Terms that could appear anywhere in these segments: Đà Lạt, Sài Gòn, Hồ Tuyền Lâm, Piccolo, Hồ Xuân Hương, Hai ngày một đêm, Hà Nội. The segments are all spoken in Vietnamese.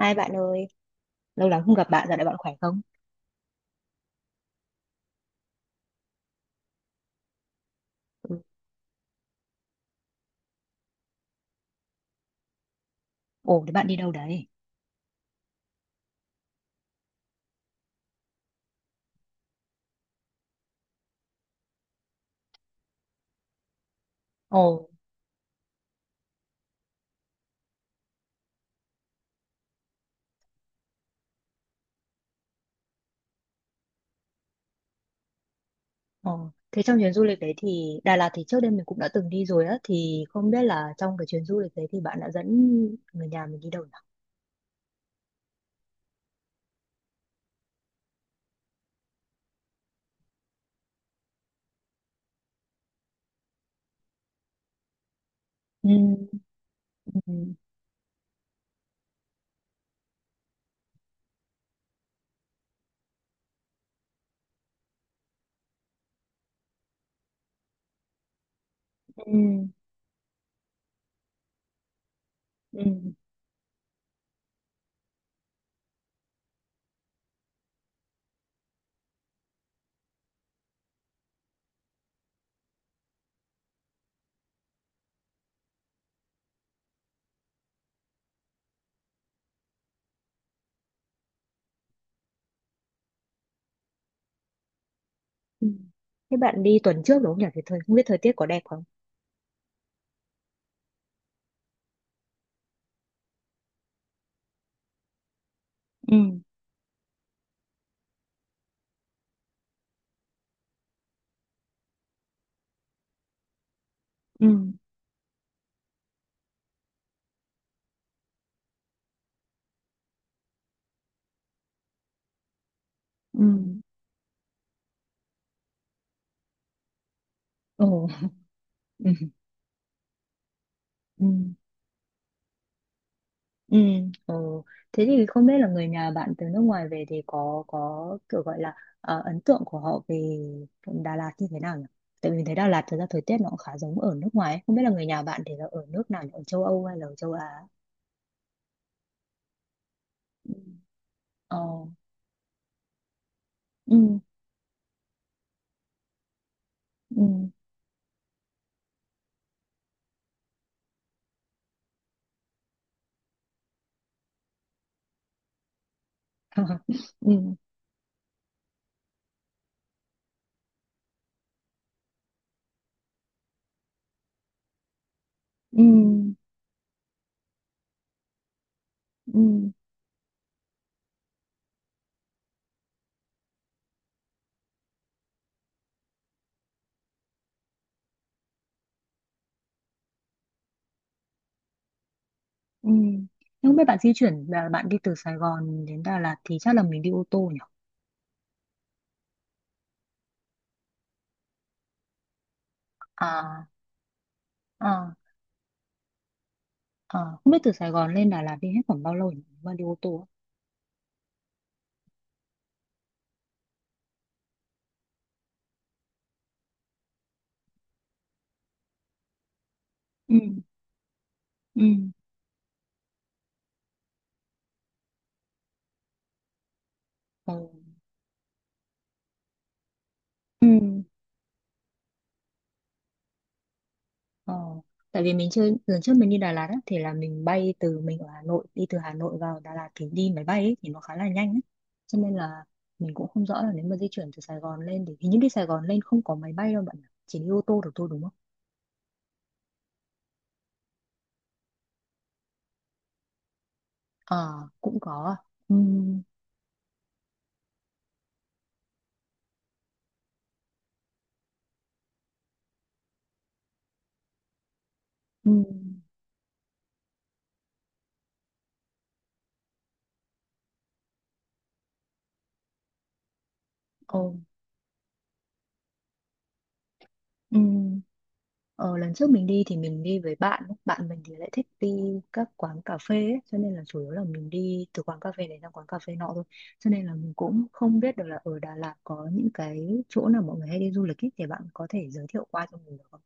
Hai bạn ơi, lâu lắm không gặp bạn, dạo này bạn khỏe không? Ừ. Ồ, thế bạn đi đâu đấy? Ồ. Ồ, thế trong chuyến du lịch đấy thì Đà Lạt thì trước đây mình cũng đã từng đi rồi á, thì không biết là trong cái chuyến du lịch đấy thì bạn đã dẫn người nhà mình đi đâu nhỉ? Ừ, ừ, ừ, ừ, ừ. Thế bạn đi tuần trước đúng không nhỉ? Thì thời không biết thời tiết có đẹp không? Ừ, ừ, ừ. Ồ, ừ. Ừ. Ừ, ừ. Thế thì không biết là người nhà bạn từ nước ngoài về thì có kiểu gọi là ấn tượng của họ về Đà Lạt như thế nào nhỉ? Tại vì mình thấy Đà Lạt thực ra thời tiết nó cũng khá giống ở nước ngoài ấy. Không biết là người nhà bạn thì là ở nước nào nhỉ? Ở châu Âu hay là ở châu Á? Ừ. Ờ, ừ, ừ, ừ, ừ, ừ, ừ. Nhưng không biết bạn di chuyển là bạn đi từ Sài Gòn đến Đà Lạt thì chắc là mình đi ô tô nhỉ? À, à, à. Không biết từ Sài Gòn lên Đà Lạt đi hết khoảng bao lâu nhỉ? Mà đi ô tô á? Ừ. Ừ ừ. Ừ. Ờ. Tại vì mình chưa lần trước mình đi Đà Lạt á, thì là mình bay từ mình ở Hà Nội đi từ Hà Nội vào Đà Lạt thì đi máy bay ấy, thì nó khá là nhanh ấy. Cho nên là mình cũng không rõ là nếu mà di chuyển từ Sài Gòn lên thì hình như đi Sài Gòn lên không có máy bay đâu bạn nhỉ? Chỉ đi ô tô được thôi đúng không? Ờ, cũng có. Ừ. Ừ. Ồ, ừ. Ờ, lần trước mình đi thì mình đi với bạn, bạn mình thì lại thích đi các quán cà phê ấy, cho nên là chủ yếu là mình đi từ quán cà phê này sang quán cà phê nọ thôi. Cho nên là mình cũng không biết được là ở Đà Lạt có những cái chỗ nào mọi người hay đi du lịch ấy, thì bạn có thể giới thiệu qua cho mình được không?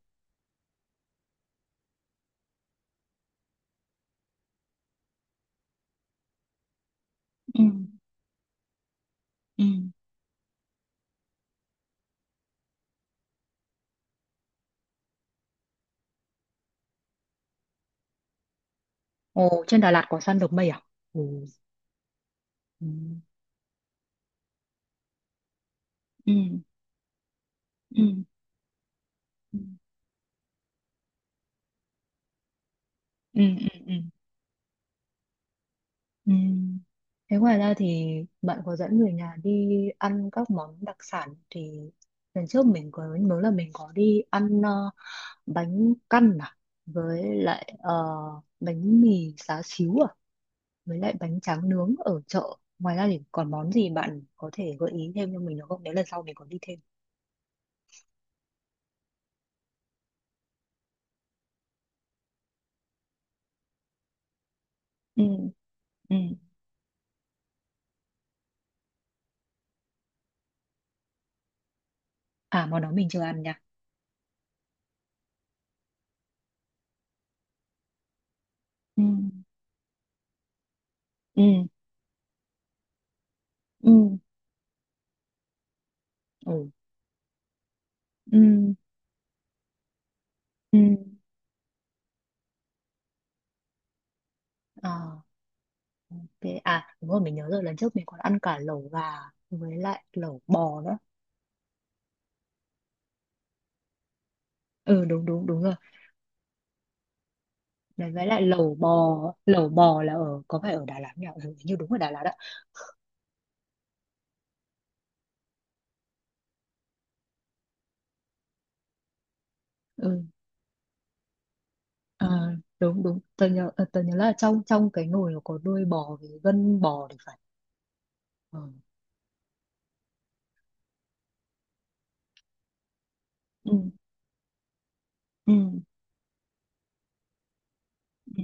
Ừ. Ừ. Ồ, trên Đà Lạt có săn được mây à? Ồ, ừ. Ừ. Ừ. Ừ. Ừ. Ừ. Ừ. Thế ngoài ra thì bạn có dẫn người nhà đi ăn các món đặc sản thì lần trước mình có nhớ là mình có đi ăn bánh căn à với lại bánh mì xá xíu à với lại bánh tráng nướng ở chợ ngoài ra thì còn món gì bạn có thể gợi ý thêm cho mình được không nếu lần sau mình có đi thêm. Ừ. Ừ. À, món đó mình chưa ăn nha. Ừ. Ừ. Ừ. Ừ. Ừ. Ừ. Ừ. Ok. À đúng rồi mình nhớ rồi lần trước mình còn ăn cả lẩu gà với lại lẩu bò nữa. Ừ, đúng đúng đúng rồi. Đấy, với lại lẩu bò là ở có phải ở Đà Lạt nhỉ? Ừ, hình như đúng ở Đà Lạt đó. Ừ. À, đúng đúng. Tớ nhớ tớ nhớ là trong trong cái nồi nó có đuôi bò với gân bò thì phải. Ừ. Ừ. Ừ. Ừ.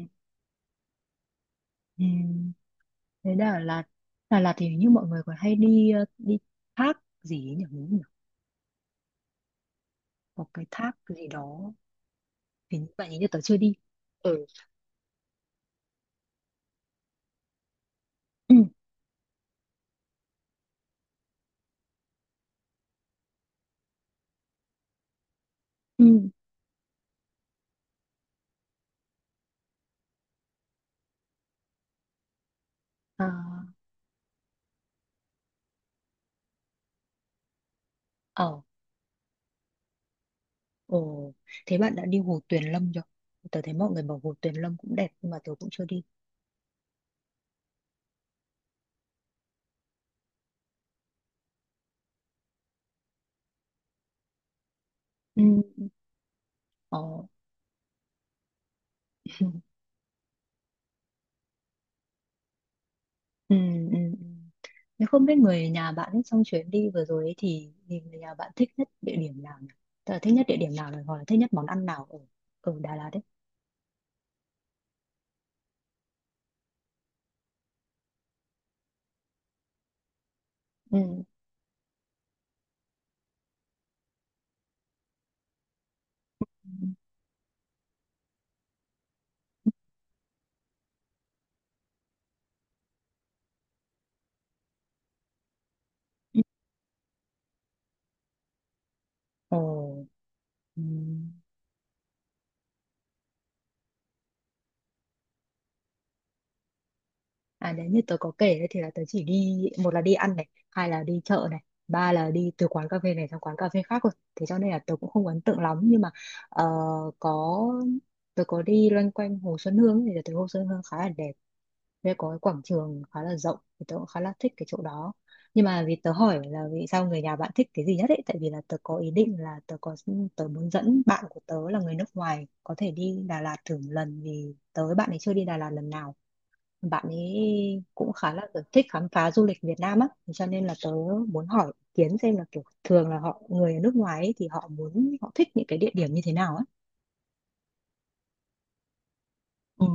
Ừ. Thế Đà Lạt, Đà Lạt thì hình như mọi người còn hay đi đi thác gì ấy nhỉ? Đúng không nhỉ? Có cái thác gì đó, hình như tớ chưa đi. Ừ. Ừ. Ừ. À. Ờ, ồ, thế bạn đã đi Hồ Tuyền Lâm chưa? Tớ thấy mọi người bảo Hồ Tuyền Lâm cũng đẹp nhưng mà tớ cũng chưa đi. Ừ, ờ, ừ, ừ, ừ. Thế không biết người nhà bạn ấy trong chuyến đi vừa rồi ấy thì người nhà bạn thích nhất địa điểm nào nhỉ? Tớ là thích nhất địa điểm nào rồi, hoặc là thích nhất món ăn nào ở ở Đà Lạt đấy? Ừ. Ừ. Ồ, ừ. À nếu như tớ có kể đấy thì là tớ chỉ đi một là đi ăn này, hai là đi chợ này, ba là đi từ quán cà phê này sang quán cà phê khác rồi. Thế cho nên là tớ cũng không ấn tượng lắm nhưng mà ờ, có tớ có đi loanh quanh Hồ Xuân Hương ấy, thì tớ thấy Hồ Xuân Hương khá là đẹp. Đây có cái quảng trường khá là rộng thì tớ cũng khá là thích cái chỗ đó. Nhưng mà vì tớ hỏi là vì sao người nhà bạn thích cái gì nhất ấy tại vì là tớ có ý định là tớ muốn dẫn bạn của tớ là người nước ngoài có thể đi Đà Lạt thử một lần vì tớ với bạn ấy chưa đi Đà Lạt lần nào, bạn ấy cũng khá là kiểu thích khám phá du lịch Việt Nam á, cho nên là tớ muốn hỏi ý kiến xem là kiểu thường là họ người ở nước ngoài ấy, thì họ muốn họ thích những cái địa điểm như thế nào á. Ừ.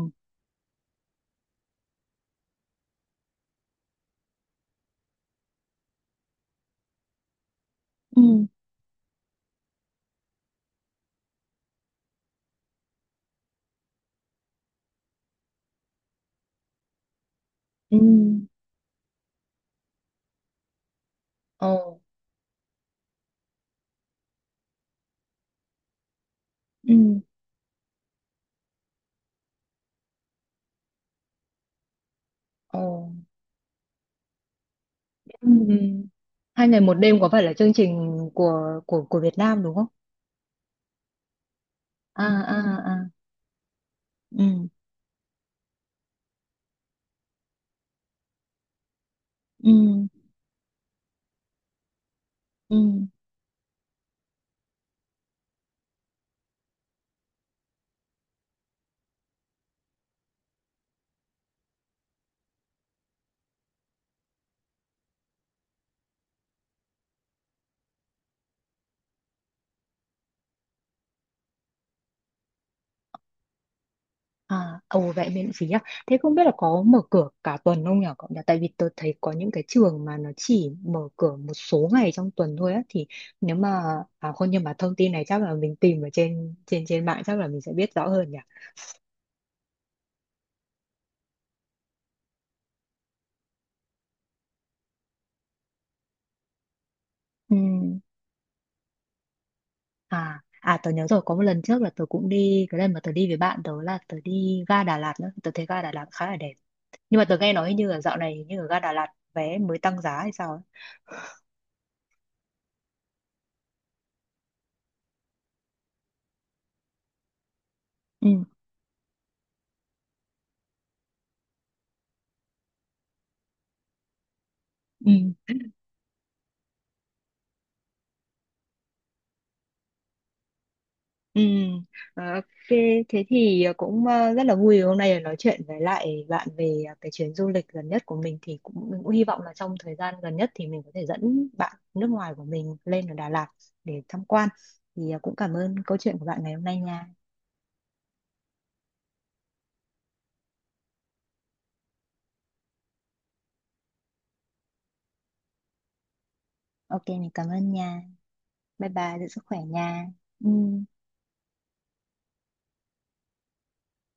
Ừ. Ừ. Ồ. Ừ. Ồ. Ừ. Ừ. Hai ngày một đêm có phải là chương trình của Việt Nam đúng không? À. À. À. Ừ. Ừ. Ừ. À, ồ vậy miễn phí à? Thế không biết là có mở cửa cả tuần không nhỉ cậu nhỉ? Tại vì tôi thấy có những cái trường mà nó chỉ mở cửa một số ngày trong tuần thôi á thì nếu mà à không nhưng mà thông tin này chắc là mình tìm ở trên trên trên mạng chắc là mình sẽ biết rõ hơn nhỉ. Ừ. À à tớ nhớ rồi có một lần trước là tớ cũng đi cái lần mà tớ đi với bạn tớ là tớ đi ga Đà Lạt nữa tớ thấy ga Đà Lạt khá là đẹp nhưng mà tớ nghe nói hình như là dạo này hình như ở ga Đà Lạt vé mới tăng giá hay sao ấy. Ừ. Ừ. Ừ, ờ, ok, thế thì cũng rất là vui hôm nay được nói chuyện với lại bạn về cái chuyến du lịch gần nhất của mình thì cũng mình cũng hy vọng là trong thời gian gần nhất thì mình có thể dẫn bạn nước ngoài của mình lên ở Đà Lạt để tham quan. Thì cũng cảm ơn câu chuyện của bạn ngày hôm nay nha. Ok, mình cảm ơn nha. Bye bye, giữ sức khỏe nha. Ừ.